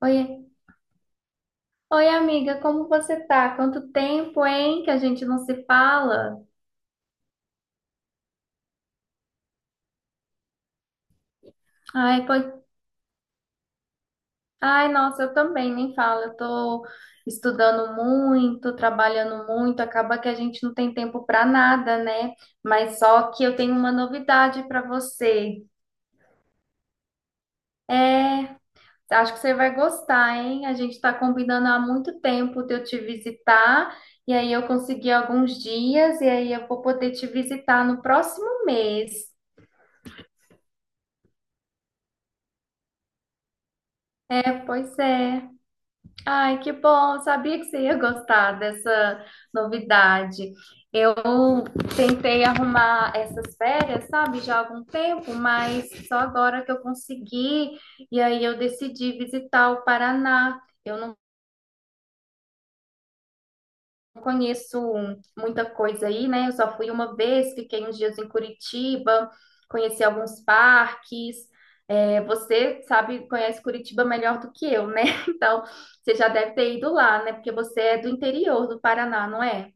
Oi, oi amiga, como você tá? Quanto tempo, hein, que a gente não se fala? Ai, pois, ai, nossa, eu também nem falo. Eu tô estudando muito, trabalhando muito, acaba que a gente não tem tempo pra nada, né? Mas só que eu tenho uma novidade pra você. É, acho que você vai gostar, hein? A gente tá combinando há muito tempo de eu te visitar. E aí eu consegui alguns dias e aí eu vou poder te visitar no próximo mês. É, pois é. Ai, que bom! Sabia que você ia gostar dessa novidade. Eu tentei arrumar essas férias, sabe, já há algum tempo, mas só agora que eu consegui. E aí eu decidi visitar o Paraná. Eu conheço muita coisa aí, né? Eu só fui uma vez, fiquei uns dias em Curitiba, conheci alguns parques. É, você sabe, conhece Curitiba melhor do que eu, né? Então, você já deve ter ido lá, né? Porque você é do interior do Paraná, não é?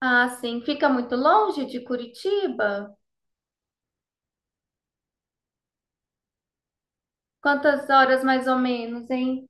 Ah, sim. Fica muito longe de Curitiba? Quantas horas mais ou menos, hein?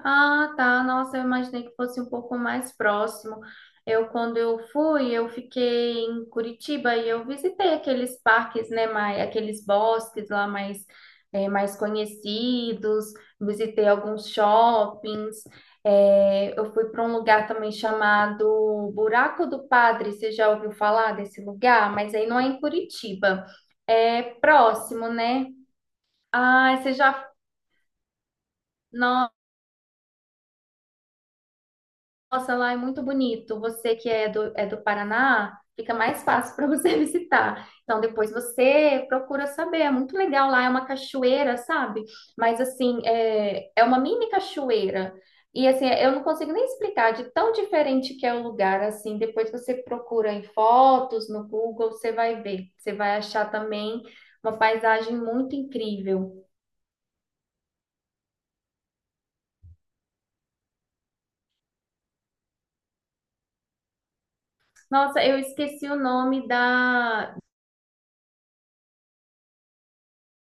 Ah, tá. Nossa, eu imaginei que fosse um pouco mais próximo. Eu, quando eu fui, eu fiquei em Curitiba e eu visitei aqueles parques, né, mais, aqueles bosques lá mais, mais conhecidos, visitei alguns shoppings. Eu fui para um lugar também chamado Buraco do Padre. Você já ouviu falar desse lugar? Mas aí não é em Curitiba, é próximo, né? Ah, você já. Nossa, lá é muito bonito. Você que é do Paraná, fica mais fácil para você visitar. Então, depois você procura saber. É muito legal lá, é uma cachoeira, sabe? Mas, assim, é, é uma mini cachoeira. E, assim, eu não consigo nem explicar de tão diferente que é o lugar, assim. Depois você procura em fotos, no Google, você vai ver. Você vai achar também uma paisagem muito incrível. Nossa, eu esqueci o nome da,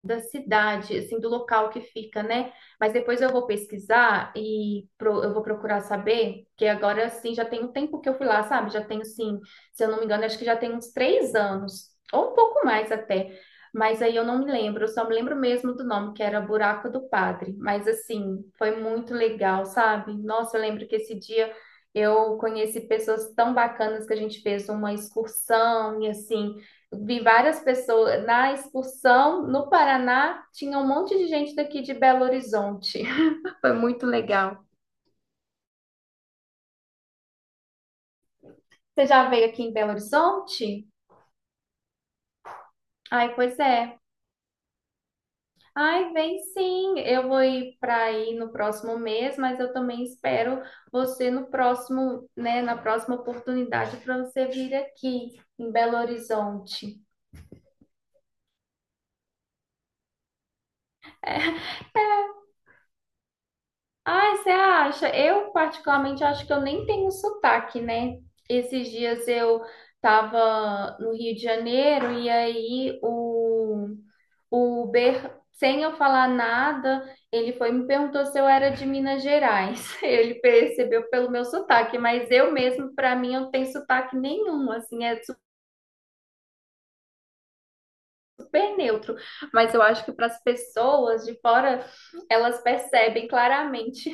da cidade, assim, do local que fica, né? Mas depois eu vou pesquisar e eu vou procurar saber, que agora, assim, já tem um tempo que eu fui lá, sabe? Já tenho, assim, se eu não me engano, acho que já tem uns 3 anos, ou um pouco mais até. Mas aí eu não me lembro, eu só me lembro mesmo do nome, que era Buraco do Padre. Mas, assim, foi muito legal, sabe? Nossa, eu lembro que esse dia eu conheci pessoas tão bacanas que a gente fez uma excursão e, assim, vi várias pessoas na excursão no Paraná, tinha um monte de gente daqui de Belo Horizonte. Foi muito legal. Você já veio aqui em Belo Horizonte? Ai, pois é. Ai, vem sim. Eu vou ir para aí no próximo mês, mas eu também espero você no próximo, né, na próxima oportunidade para você vir aqui em Belo Horizonte. Ai, você acha? Eu, particularmente, acho que eu nem tenho sotaque, né? Esses dias eu tava no Rio de Janeiro e aí o Uber, sem eu falar nada, ele foi e me perguntou se eu era de Minas Gerais. Ele percebeu pelo meu sotaque, mas eu mesmo, pra mim, eu não tenho sotaque nenhum, assim, é super neutro. Mas eu acho que para as pessoas de fora, elas percebem claramente.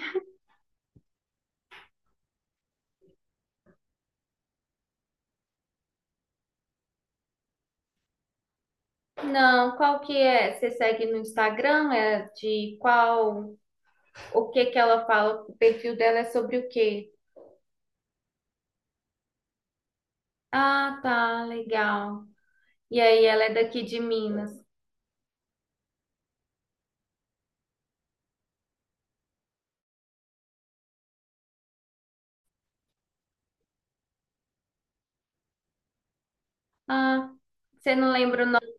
Não, qual que é? Você segue no Instagram? É de qual? O que que ela fala? O perfil dela é sobre o quê? Ah, tá, legal. E aí, ela é daqui de Minas. Ah, você não lembra o nome?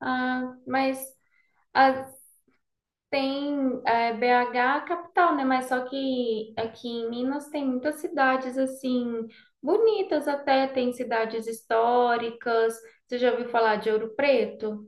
Ah, mas ah, tem é, BH a capital, né? Mas só que aqui em Minas tem muitas cidades assim bonitas até, tem cidades históricas. Você já ouviu falar de Ouro Preto?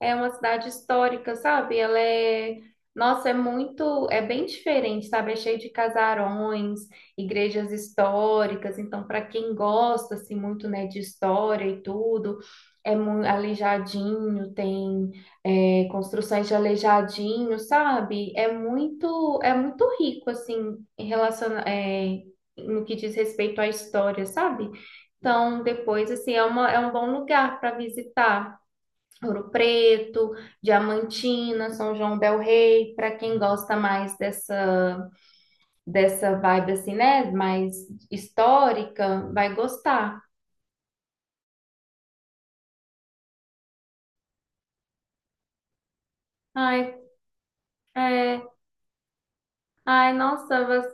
É uma cidade histórica, sabe? Ela é, nossa, é muito, é bem diferente, sabe? É cheio de casarões, igrejas históricas, então para quem gosta assim muito, né, de história e tudo, é muito Aleijadinho, tem é, construções de Aleijadinho, sabe? É muito rico assim em relação, é, no que diz respeito à história, sabe? Então depois assim é uma, é um bom lugar para visitar. Ouro Preto, Diamantina, São João del Rei, para quem gosta mais dessa dessa vibe assim, né, mais histórica, vai gostar. Ai, é, ai, nossa, você,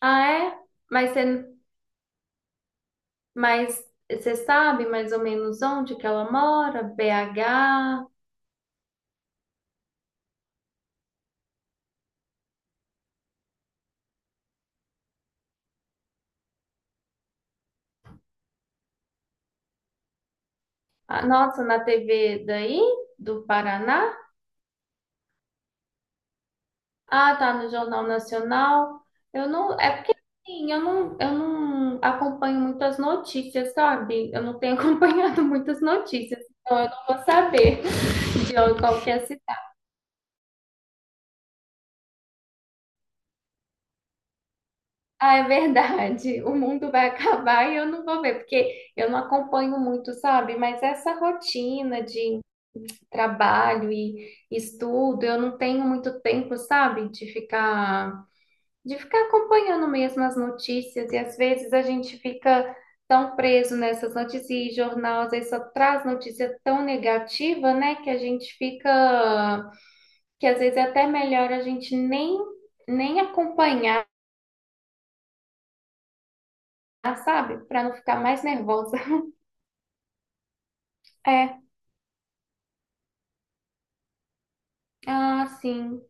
ah é? Mas você, mas você sabe mais ou menos onde que ela mora? BH? Ah, nossa, na TV daí do Paraná? Ah, tá, no Jornal Nacional. Eu não, é porque assim, eu não acompanho muitas notícias, sabe? Eu não tenho acompanhado muitas notícias, então eu não vou saber de qualquer cidade. Ah, é verdade. O mundo vai acabar e eu não vou ver, porque eu não acompanho muito, sabe? Mas essa rotina de trabalho e estudo, eu não tenho muito tempo, sabe? De ficar acompanhando mesmo as notícias, e às vezes a gente fica tão preso nessas notícias, e jornal às vezes só traz notícia tão negativa, né, que a gente fica, que às vezes é até melhor a gente nem, nem acompanhar, sabe, para não ficar mais nervosa. É, ah, sim.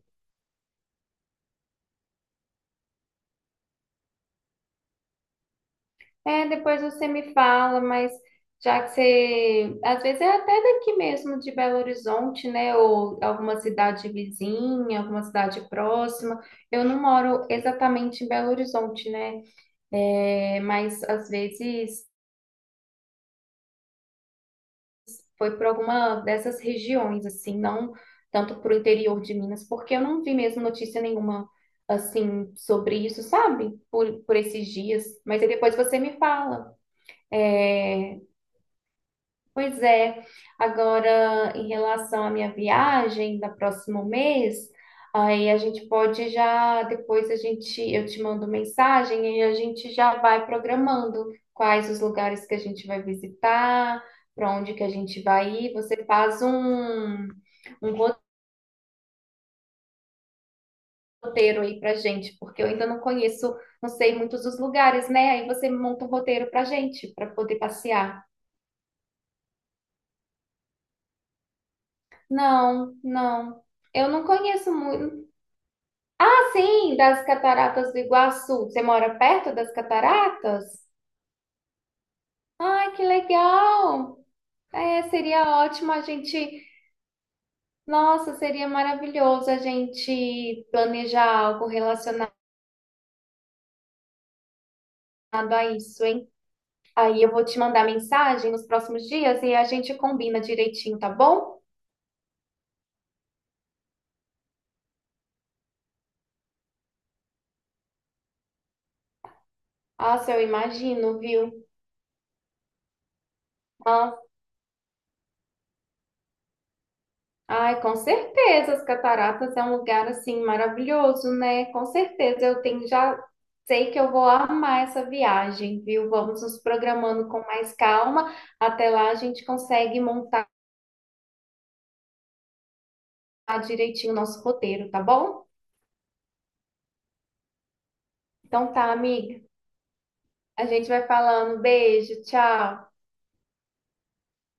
É, depois você me fala, mas já que você, às vezes é até daqui mesmo de Belo Horizonte, né, ou alguma cidade vizinha, alguma cidade próxima. Eu não moro exatamente em Belo Horizonte, né, é, mas às vezes foi para alguma dessas regiões, assim, não tanto para o interior de Minas, porque eu não vi mesmo notícia nenhuma, assim, sobre isso, sabe, por esses dias. Mas aí depois você me fala. É, pois é, agora em relação à minha viagem da próximo mês, aí a gente pode já, depois a gente, eu te mando mensagem e a gente já vai programando quais os lugares que a gente vai visitar, para onde que a gente vai ir. Você faz um, um roteiro aí pra gente, porque eu ainda não conheço, não sei muitos dos lugares, né? Aí você monta um roteiro pra gente, para poder passear. Não, não. Eu não conheço muito, assim, das Cataratas do Iguaçu. Você mora perto das cataratas? Ai, que legal! É, seria ótimo a gente. Nossa, seria maravilhoso a gente planejar algo relacionado a isso, hein? Aí eu vou te mandar mensagem nos próximos dias e a gente combina direitinho, tá bom? Nossa, eu imagino, viu? Ai, com certeza, as cataratas é um lugar assim maravilhoso, né? Com certeza, eu tenho já sei que eu vou amar essa viagem, viu? Vamos nos programando com mais calma. Até lá a gente consegue montar direitinho o nosso roteiro, tá bom? Então tá, amiga. A gente vai falando. Beijo, tchau.